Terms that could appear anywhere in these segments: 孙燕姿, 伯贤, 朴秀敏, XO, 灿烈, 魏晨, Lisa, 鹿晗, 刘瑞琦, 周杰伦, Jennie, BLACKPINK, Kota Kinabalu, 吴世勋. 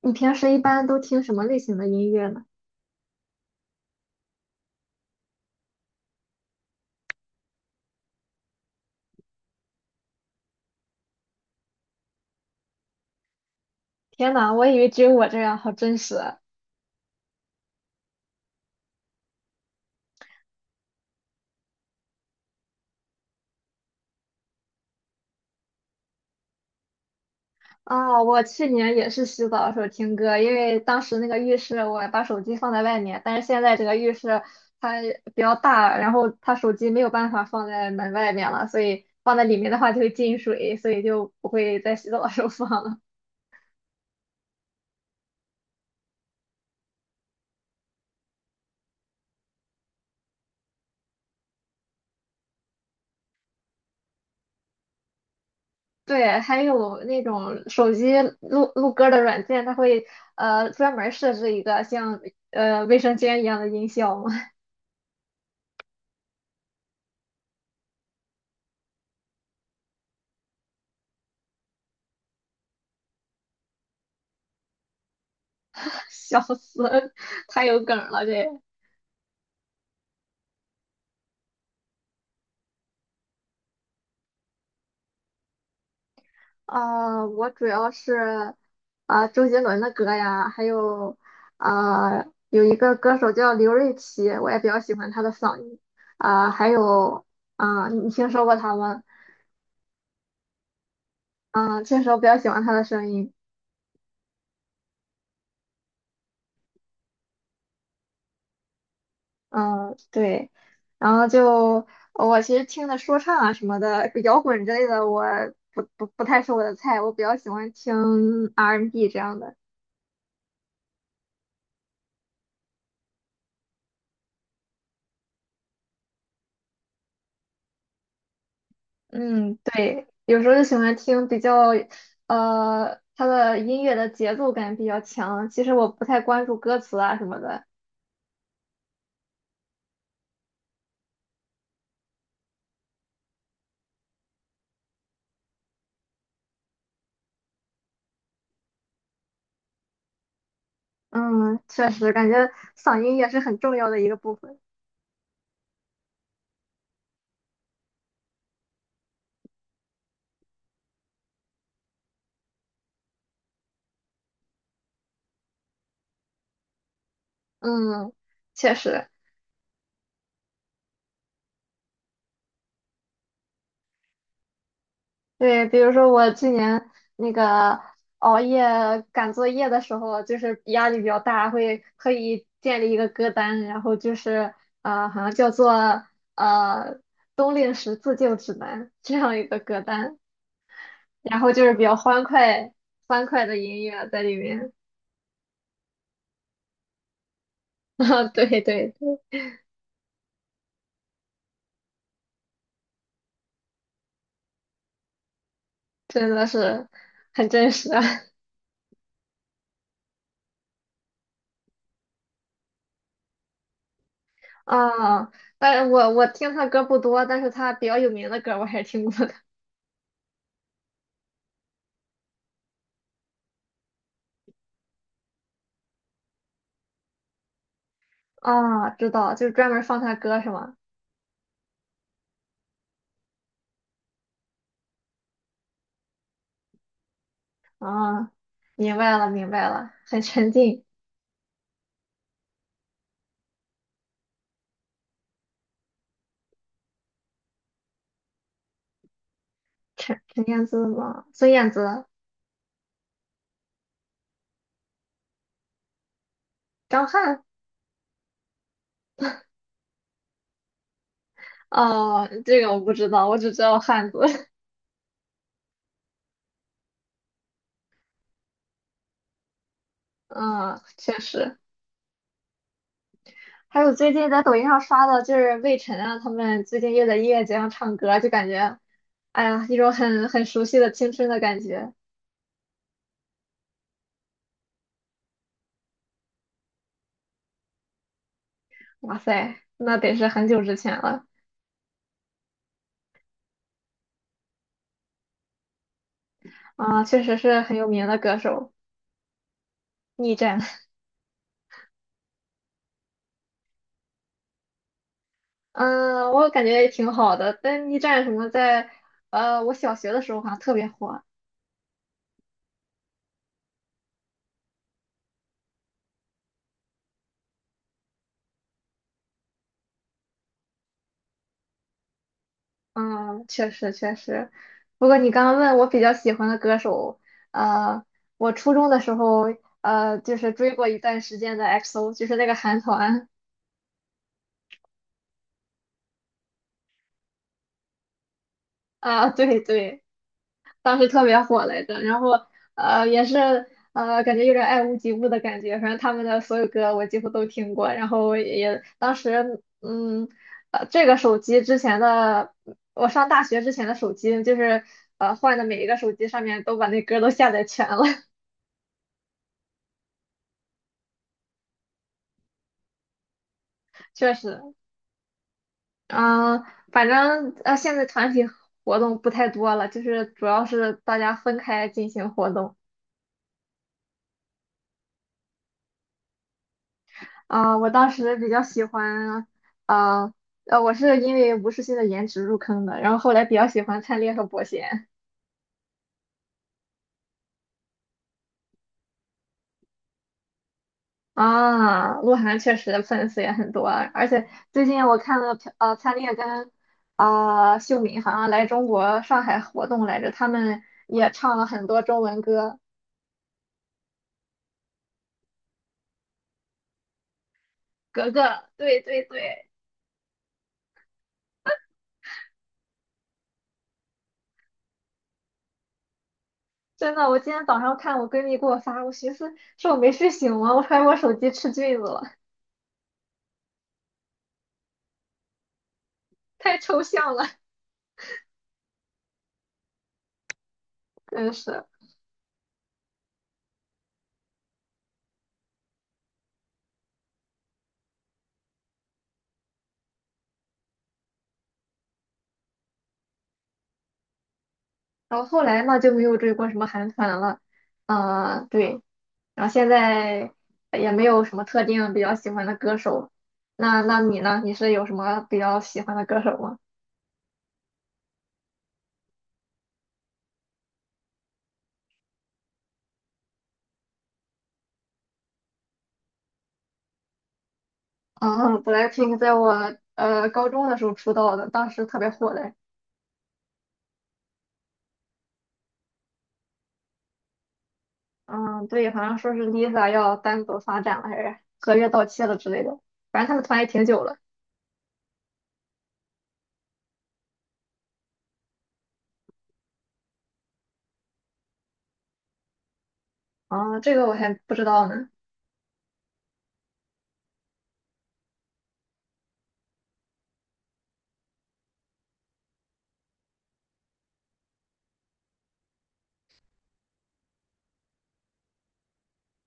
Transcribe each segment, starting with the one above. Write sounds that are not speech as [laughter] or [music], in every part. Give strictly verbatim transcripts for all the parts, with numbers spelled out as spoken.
你平时一般都听什么类型的音乐呢？天呐，我以为只有我这样，好真实啊！啊我去年也是洗澡的时候听歌，因为当时那个浴室我把手机放在外面，但是现在这个浴室它比较大，然后它手机没有办法放在门外面了，所以放在里面的话就会进水，所以就不会在洗澡的时候放了。对，还有那种手机录录歌的软件，它会呃专门设置一个像呃卫生间一样的音效。笑死，太有梗了这。啊！我主要是啊、周杰伦的歌呀，还有啊、有一个歌手叫刘瑞琦，我也比较喜欢他的嗓音啊、还有啊、你听说过他吗？嗯，确实我比较喜欢他的声音。嗯、对，然后就我其实听的说唱啊什么的，摇滚之类的，我不不不太是我的菜，我比较喜欢听 R and B N 这样的。嗯，对，有时候就喜欢听比较，呃，它的音乐的节奏感比较强。其实我不太关注歌词啊什么的。嗯，确实，感觉嗓音也是很重要的一个部分。嗯，确实，对，比如说我去年那个熬夜赶作业的时候，就是压力比较大，会特意建立一个歌单，然后就是呃，好像叫做呃《冬令时自救指南》这样一个歌单。然后就是比较欢快、欢快的音乐在里面。[laughs] 啊，对对，对真的是很真实啊。[laughs] 啊但是我我听他歌不多，但是他比较有名的歌我还是听过的。啊。知道，就是专门放他歌是吗？啊，明白了明白了，很沉浸。陈陈燕姿吗？孙燕姿、张翰？哦，这个我不知道，我只知道汉子。[laughs] 嗯，确实。还有最近在抖音上刷的，就是魏晨啊，他们最近又在音乐节上唱歌，就感觉，哎呀，一种很很熟悉的青春的感觉。哇塞，那得是很久之前了。啊，确实是很有名的歌手。逆战，[laughs] 嗯，我感觉也挺好的。但逆战什么在，呃，我小学的时候好像特别火。嗯，确实确实。不过你刚刚问我比较喜欢的歌手，呃，我初中的时候，呃，就是追过一段时间的 X O，就是那个韩团。啊，对对，当时特别火来着，然后呃也是呃感觉有点爱屋及乌的感觉，反正他们的所有歌我几乎都听过，然后也当时嗯呃这个手机之前的我上大学之前的手机就是呃换的每一个手机上面都把那歌都下载全了。[laughs] 确实。嗯、反正呃现在团体活动不太多了，就是主要是大家分开进行活动。啊、我当时比较喜欢，啊、呃，我是因为吴世勋的颜值入坑的，然后后来比较喜欢灿烈和伯贤。啊，鹿晗确实粉丝也很多啊，而且最近我看了朴，呃，灿烈跟啊、秀敏好像来中国上海活动来着，他们也唱了很多中文歌。格格，对对对。真的，我今天早上看我闺蜜给我发，我寻思是我没睡醒吗？我怀疑我手机吃菌子了，太抽象了。[laughs] 真是。然后后来嘛就没有追过什么韩团了。啊、对，然后现在也没有什么特定比较喜欢的歌手。那那你呢？你是有什么比较喜欢的歌手吗？[laughs] 嗯，BLACKPINK 在我呃高中的时候出道的，当时特别火的。嗯，对，好像说是 Lisa 要单独发展了，还是合约到期了之类的。反正他们团也挺久了。啊、这个我还不知道呢。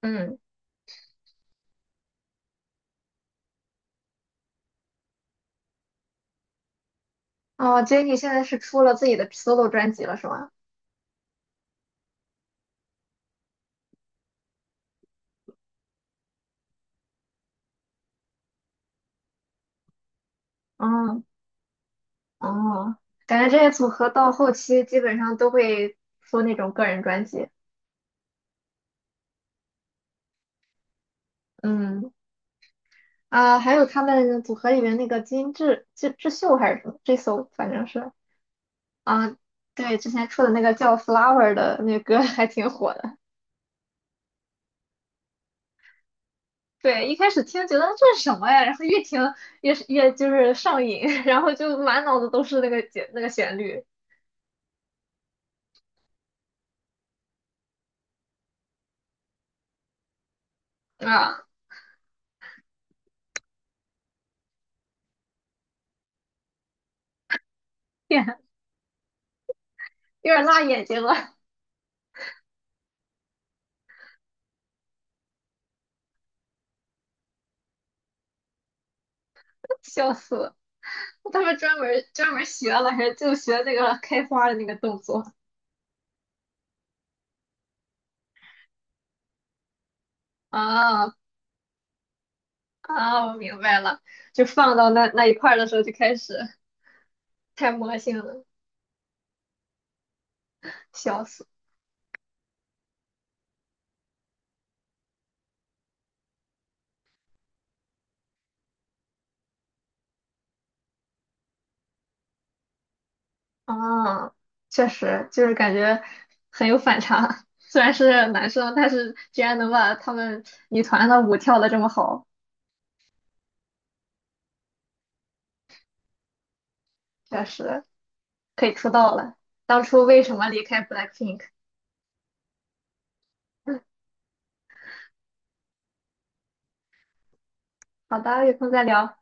嗯，哦，Jennie 现在是出了自己的 solo 专辑了，是吗？嗯，哦，感觉这些组合到后期基本上都会出那种个人专辑。嗯啊，还有他们组合里面那个金智智智秀还是什么智秀，反正是。啊，对，之前出的那个叫《Flower》的那个歌 [laughs] 还挺火的。对，一开始听觉得这是什么呀，然后越听越是越就是上瘾，[laughs] 然后就满脑子都是那个节那个旋律。啊，天，有点辣眼睛了。[laughs] 笑死了。他们专门专门学了，还是就学那个开花的那个动作。啊啊，我明白了，就放到那那一块儿的时候就开始太魔性了，笑死！啊，确实就是感觉很有反差，虽然是男生，但是居然能把他们女团的舞跳的这么好。确实可以出道了。当初为什么离开 BLACKPINK？嗯，好的，有空再聊。